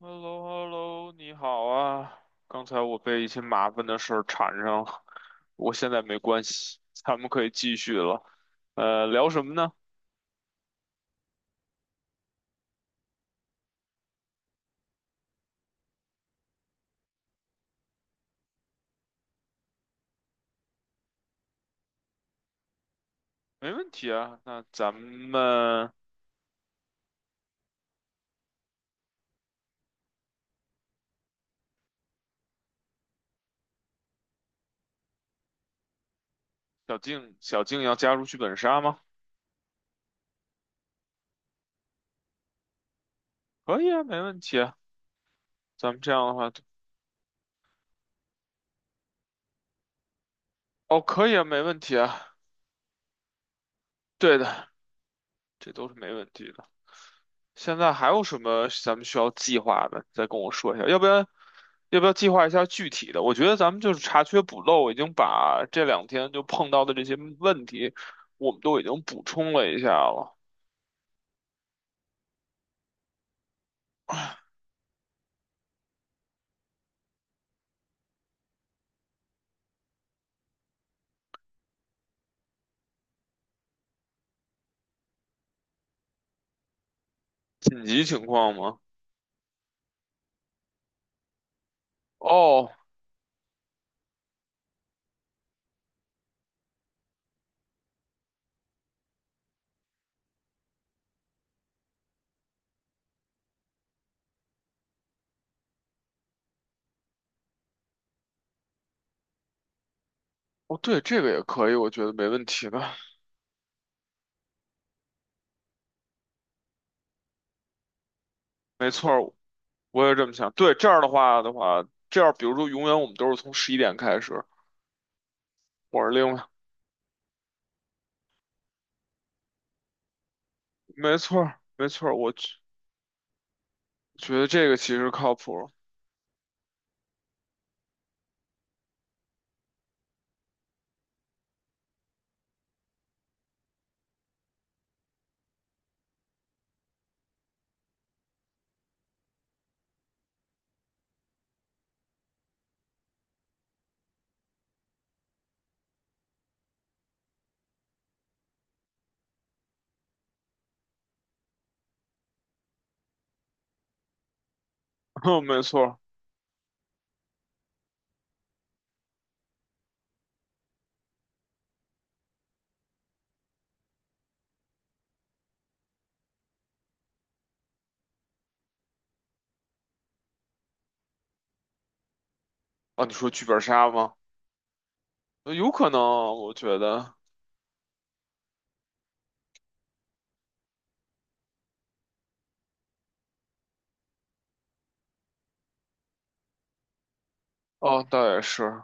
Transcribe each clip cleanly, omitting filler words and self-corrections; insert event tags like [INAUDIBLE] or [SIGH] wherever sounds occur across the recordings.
h e l l o h e l l o 你好啊！刚才我被一些麻烦的事儿缠上了，我现在没关系，咱们可以继续了。聊什么呢？没问题啊。那咱们小静，小静要加入剧本杀吗？可以啊，没问题啊。咱们这样的话，哦，可以啊，没问题啊。对的，这都是没问题的。现在还有什么咱们需要计划的？再跟我说一下，要不然要不要计划一下具体的？我觉得咱们就是查缺补漏，已经把这两天就碰到的这些问题，我们都已经补充了一下了。紧急情况吗？哦，哦，对，这个也可以，我觉得没问题的。没错儿我也这么想。对，这样的话，这样比如说永远我们都是从十一点开始，我是另外，没错儿，我觉得这个其实靠谱 [LAUGHS] 没错儿，啊，你说剧本杀吗？有可能啊，我觉得，哦，倒也是，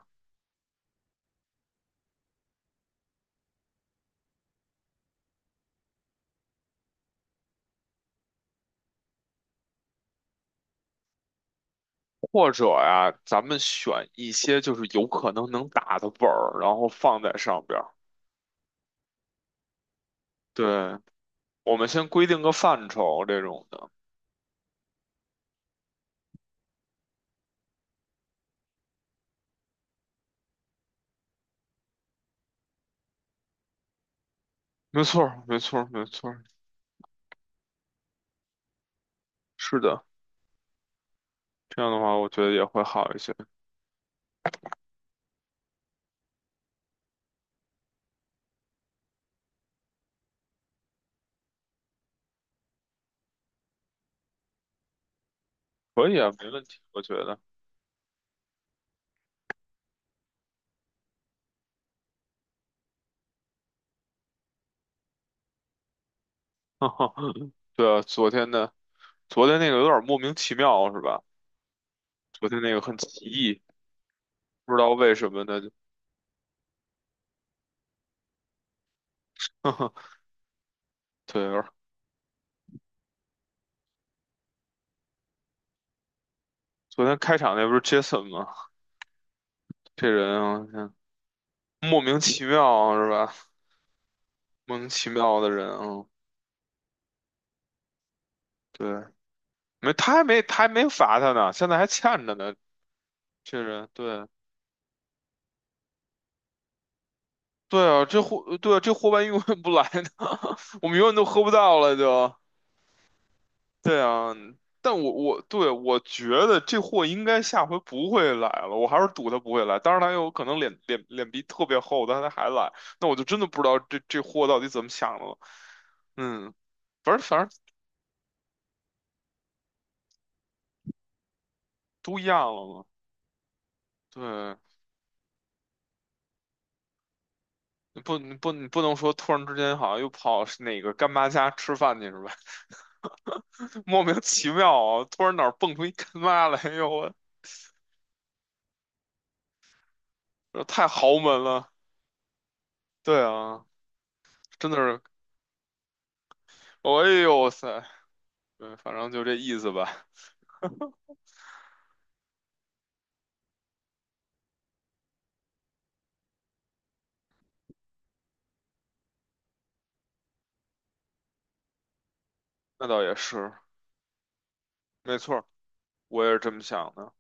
或者呀，咱们选一些就是有可能能打的本儿，然后放在上边儿。对，我们先规定个范畴这种的。没错儿，是的。这样的话，我觉得也会好一些。可以啊，没问题，我觉得。[LAUGHS] 对啊，昨天的，昨天那个有点莫名其妙，是吧？昨天那个很奇异，不知道为什么的。[LAUGHS] 对，昨天开场那不是 Jason 吗？这人啊。莫名其妙是吧？莫名其妙的人，嗯，对，没，他还没罚他呢，现在还欠着呢。这人，对，对啊，这货，对啊，这货万一永远不来呢，[LAUGHS] 我们永远都喝不到了就。对啊，但我觉得这货应该下回不会来了，我还是赌他不会来。当然他有可能脸皮特别厚，但他还来，那我就真的不知道这货到底怎么想的了。嗯，反正都一样了嘛。对，你不能说突然之间好像又跑哪个干妈家吃饭去是吧？[LAUGHS] 莫名其妙啊，突然哪儿蹦出一干妈来，哎呦我，这太豪门了。对啊，真的是，哎呦塞，对，反正就这意思吧。那倒也是，没错儿我也是这么想的。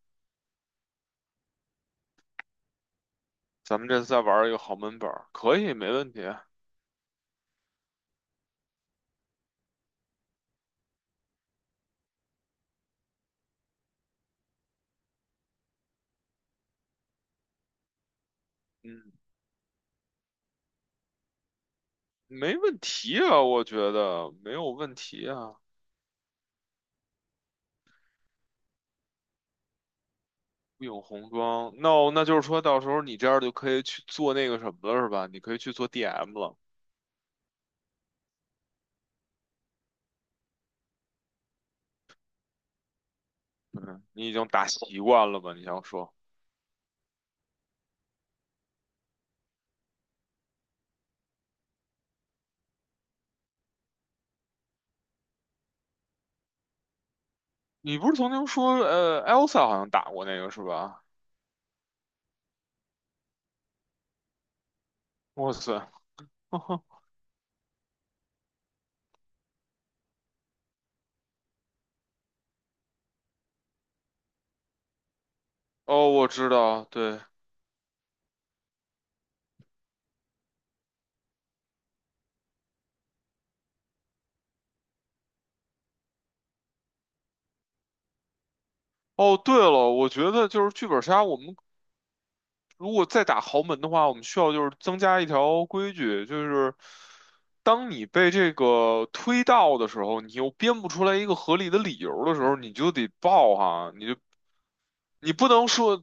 咱们这次再玩一个豪门本儿，可以，没问题啊。嗯，没问题啊，我觉得没有问题啊。有红装，o 那就是说到时候你这样就可以去做那个什么了，是吧？你可以去做 DM 了，你已经打习惯了吧？你想说，你不是曾经说，Elsa 好像打过那个是吧？哇塞，[LAUGHS] 哦，我知道，对，哦，对了，我觉得就是剧本杀，我们如果再打豪门的话，我们需要就是增加一条规矩，就是当你被这个推到的时候，你又编不出来一个合理的理由的时候，你就得报哈。你不能说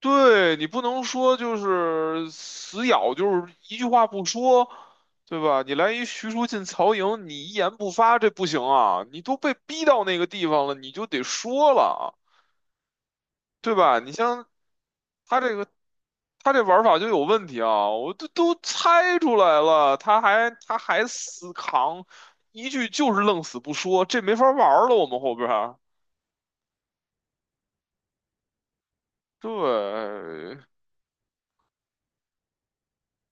对你不能说就是死咬，就是一句话不说，对吧？你来一徐庶进曹营，你一言不发，这不行啊！你都被逼到那个地方了，你就得说了啊，对吧？你像他这个，他这玩法就有问题啊！我都猜出来了，他还死扛，一句就是愣死不说，这没法玩了。我们后边儿对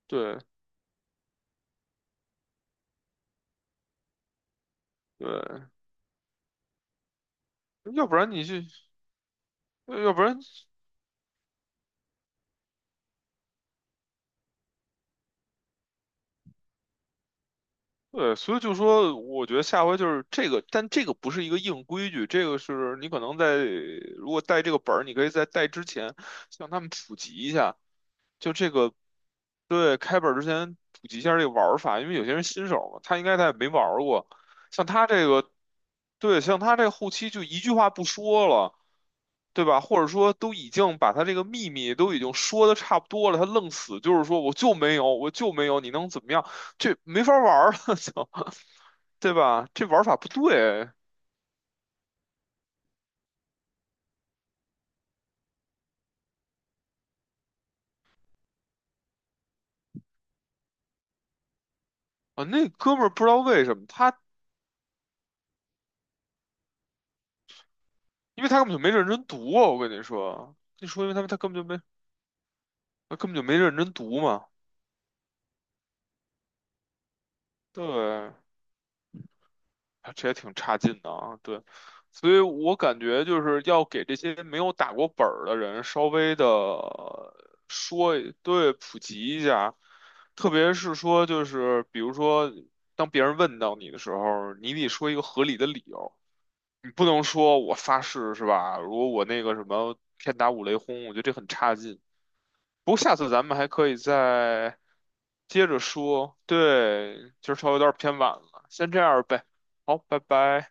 对对，要不然你去，要不然。对，所以就说，我觉得下回就是这个，但这个不是一个硬规矩，这个是你可能在如果带这个本儿，你可以在带之前向他们普及一下，就这个，对，开本儿之前普及一下这个玩儿法，因为有些人新手嘛，他应该他也没玩儿过，像他这个，对，像他这个后期就一句话不说了，对吧？或者说都已经把他这个秘密都已经说的差不多了，他愣死就是说我就没有，我就没有，你能怎么样？这没法玩儿了，[LAUGHS] 就，对吧？这玩法不对啊！那哥们儿不知道为什么他，因为他根本就没认真读啊，我跟你说，你说因为他他根本就没他根本就没认真读嘛，对。啊这也挺差劲的啊，对，所以我感觉就是要给这些没有打过本儿的人稍微的说一对，普及一下，特别是说就是比如说当别人问到你的时候，你得说一个合理的理由，你不能说我发誓是吧？如果我那个什么天打五雷轰，我觉得这很差劲。不过下次咱们还可以再接着说，对，今儿稍微有点偏晚了，先这样呗，好，拜拜。